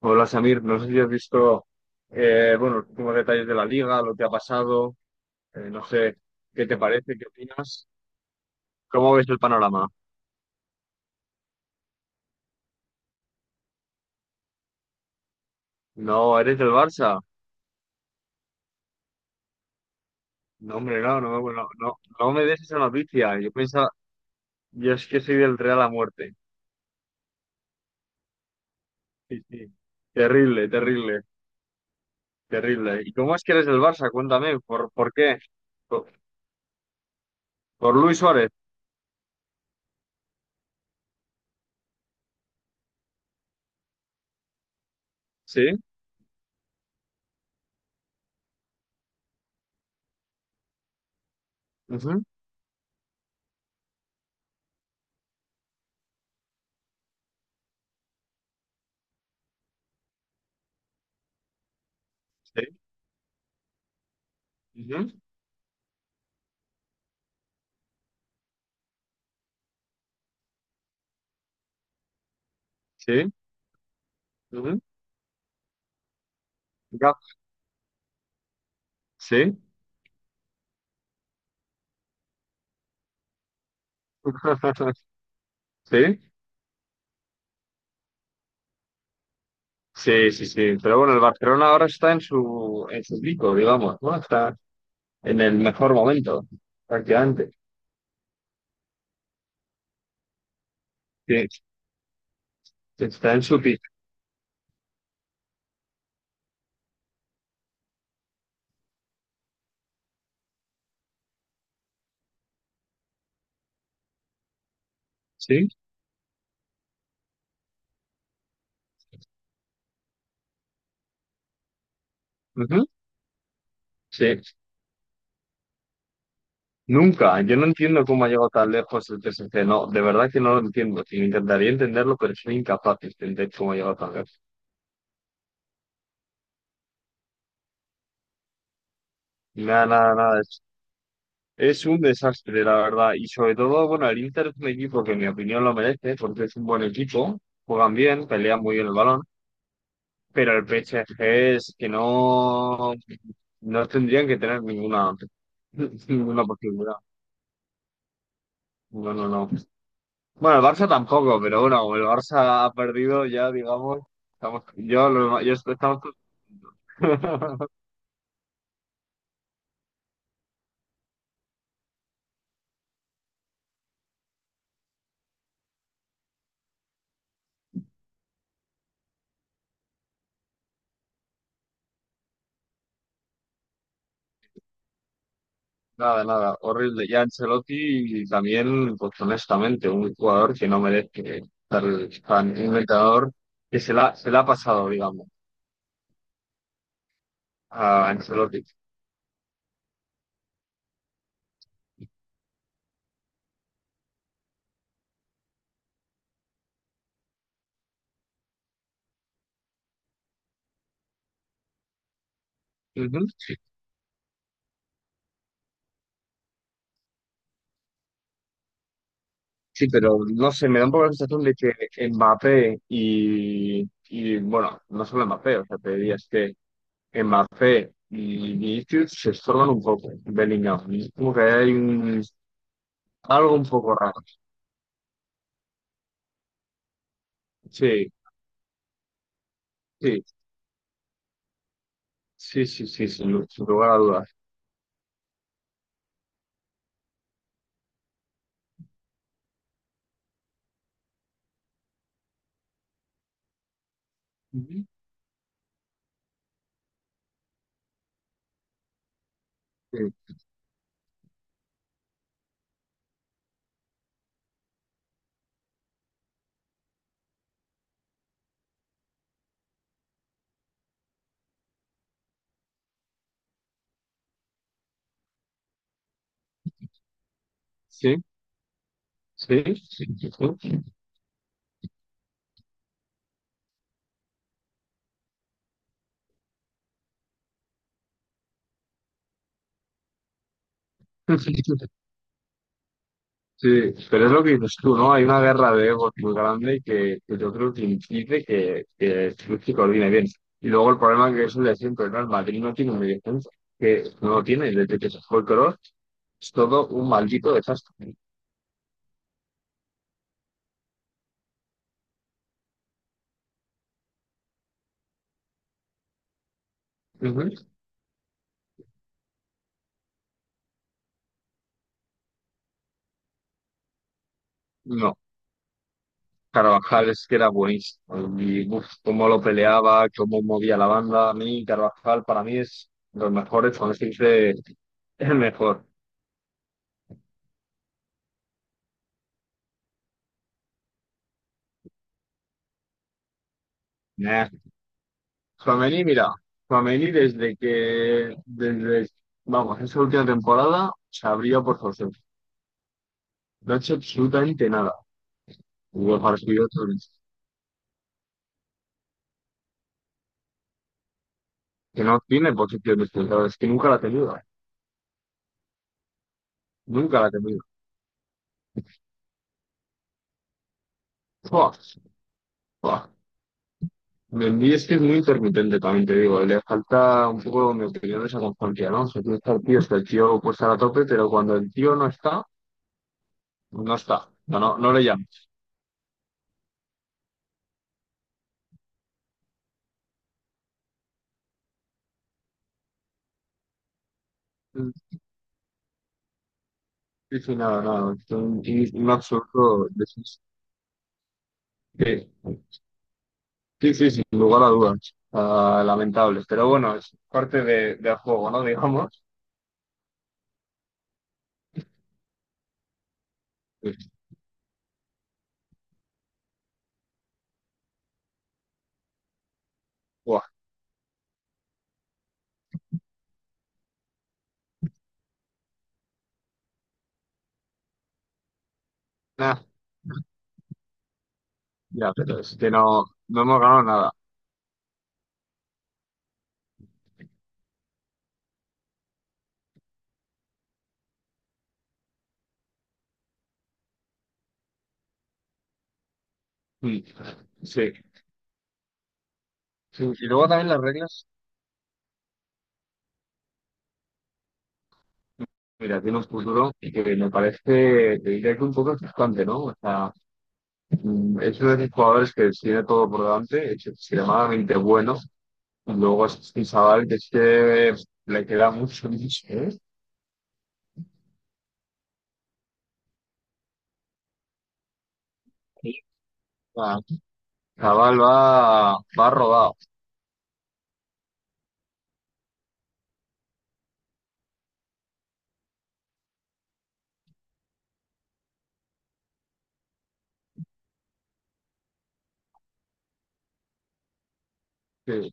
Hola Samir, no sé si has visto bueno, los últimos detalles de la liga, lo que ha pasado, no sé qué te parece, qué opinas, cómo ves el panorama. No, eres del Barça. No, hombre, no, no, no, no, no me des esa noticia. Yo pensaba, yo es que soy del Real a muerte. Sí, sí. Terrible, terrible, terrible. ¿Y cómo es que eres del Barça? Cuéntame, por qué? Por, por Luis Suárez, ¿sí? Ujú, sí, ujú, sí, ujú, ya, sí, sí. Sí, sí, sí. Pero bueno, el Barcelona ahora está en su pico, digamos, ¿no? Está en el mejor momento, prácticamente. Sí, está en su pico. Sí, ujú, sí. Nunca. Yo no entiendo cómo ha llegado tan lejos el PSG. No, de verdad que no lo entiendo. Sí, intentaría entenderlo, pero soy incapaz de entender cómo ha llegado tan lejos. Nada, nada, nada. Es un desastre, la verdad. Y sobre todo, bueno, el Inter es un equipo que en mi opinión lo merece, porque es un buen equipo. Juegan bien, pelean muy bien el balón. Pero el PSG es que no, no tendrían que tener ninguna, ninguna posibilidad. No, no, no. Bueno, el Barça tampoco, pero bueno, como el Barça ha perdido ya, digamos, estamos, yo, lo- yo est- estamos nada, nada, horrible. Ya Ancelotti también, pues honestamente, un jugador que no merece estar tan un entrenador que se la ha pasado, digamos, a Ancelotti. Sí, pero no sé, me da un poco la sensación de que Mbappé y bueno, no solo Mbappé, o sea, te diría es que Mbappé y Vinicius se estorban un poco, Bellingham. Es como que hay un, algo un poco raro. Sí, sí, sí, sí, sí, sin lugar a dudas. Ujú. Sí, sí, sí. Sí, sí. Sí, pero es lo que dices tú, ¿no? Hay una guerra de egos muy grande que yo creo que impide que el club se coordine bien. Y luego el problema que es el de siempre, ¿no? El Madrid no tiene un mediocentro, que no lo tiene desde que se fue el color, es todo un maldito desastre. Ujú. No, Carvajal es que era buenísimo. Y uf, cómo lo peleaba, cómo movía la banda. A mí, Carvajal para mí es de los mejores, cuando se dice el mejor. Nah, Tchouaméni, mira, Tchouaméni vamos, esa última temporada se abrió por José. No ha hecho absolutamente nada. Hubo partido que no tiene posición de central, es que nunca la ha tenido. Nunca la ha tenido. Buah, buah. Mendy es que es muy intermitente, también te digo. Le falta un poco, en mi opinión, esa constancia, ¿no? O sea, tiene que estar el tío, está el tío puesto a la tope, pero cuando el tío no está, no está. No, no, no le llamas. Sí, sí, nada, nada. Es un absoluto desastre. Sí, sí, sin lugar a dudas. Ah, lamentable. Pero bueno, es parte de, del juego, ¿no? Digamos. Pues, buah, nah, ya, pero es que no, no hemos ganado nada. Mm, sí. Sí, y luego también las reglas, mira, tiene un futuro que me parece, te diría que un poco frustrante, ¿no? O sea, mm, es uno de esos jugadores que tiene todo por delante, es extremadamente bueno. Y luego es un chaval que es que le queda mucho, mucho, ¿eh? Ah, chaval va, va rodado. Sí.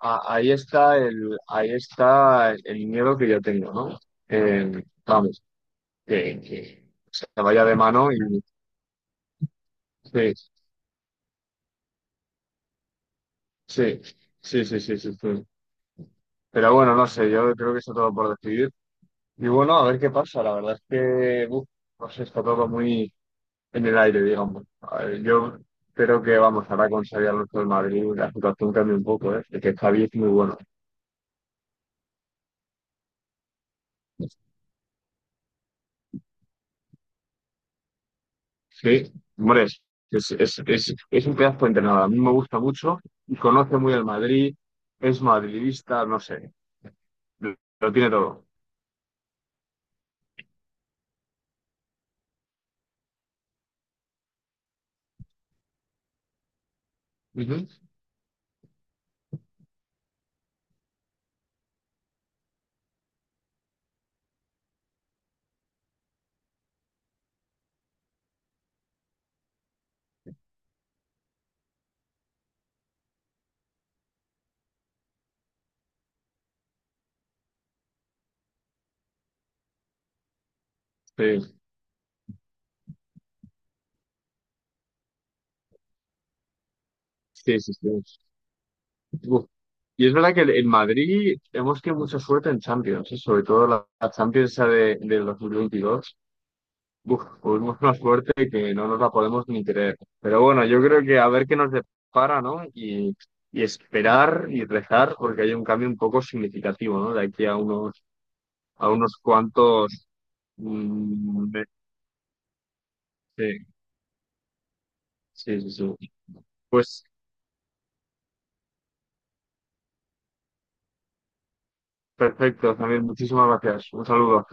Ahí está el, ahí está el miedo que yo tengo, ¿no? Vamos, que se vaya de mano y sí, sí, sí, sí, sí, sí, sí. Pero bueno, no sé, yo creo que está todo por decidir. Y bueno, a ver qué pasa. La verdad es que, uf, no sé, está todo muy en el aire, digamos. A ver, yo creo que, vamos, ahora con salir al resto del Madrid, la situación cambia un poco, ¿eh? El que Javi es muy bueno. Sí, hombre, es un pedazo de entrenador. A mí me gusta mucho y conoce muy el Madrid, es madridista, no sé, lo tiene todo. Ujú. Sí, sí, sí, sí. Uf. Y es verdad que en Madrid hemos tenido mucha suerte en Champions, ¿eh? Sobre todo la, la Champions esa de, del 2022. Uf, tuvimos una suerte que no nos la podemos ni creer. Pero bueno, yo creo que a ver qué nos depara, ¿no? Y esperar y rezar porque hay un cambio un poco significativo, ¿no? De aquí a unos cuantos. mm, me- sí, sí, sí, sí. Pues perfecto, también muchísimas gracias. Un saludo.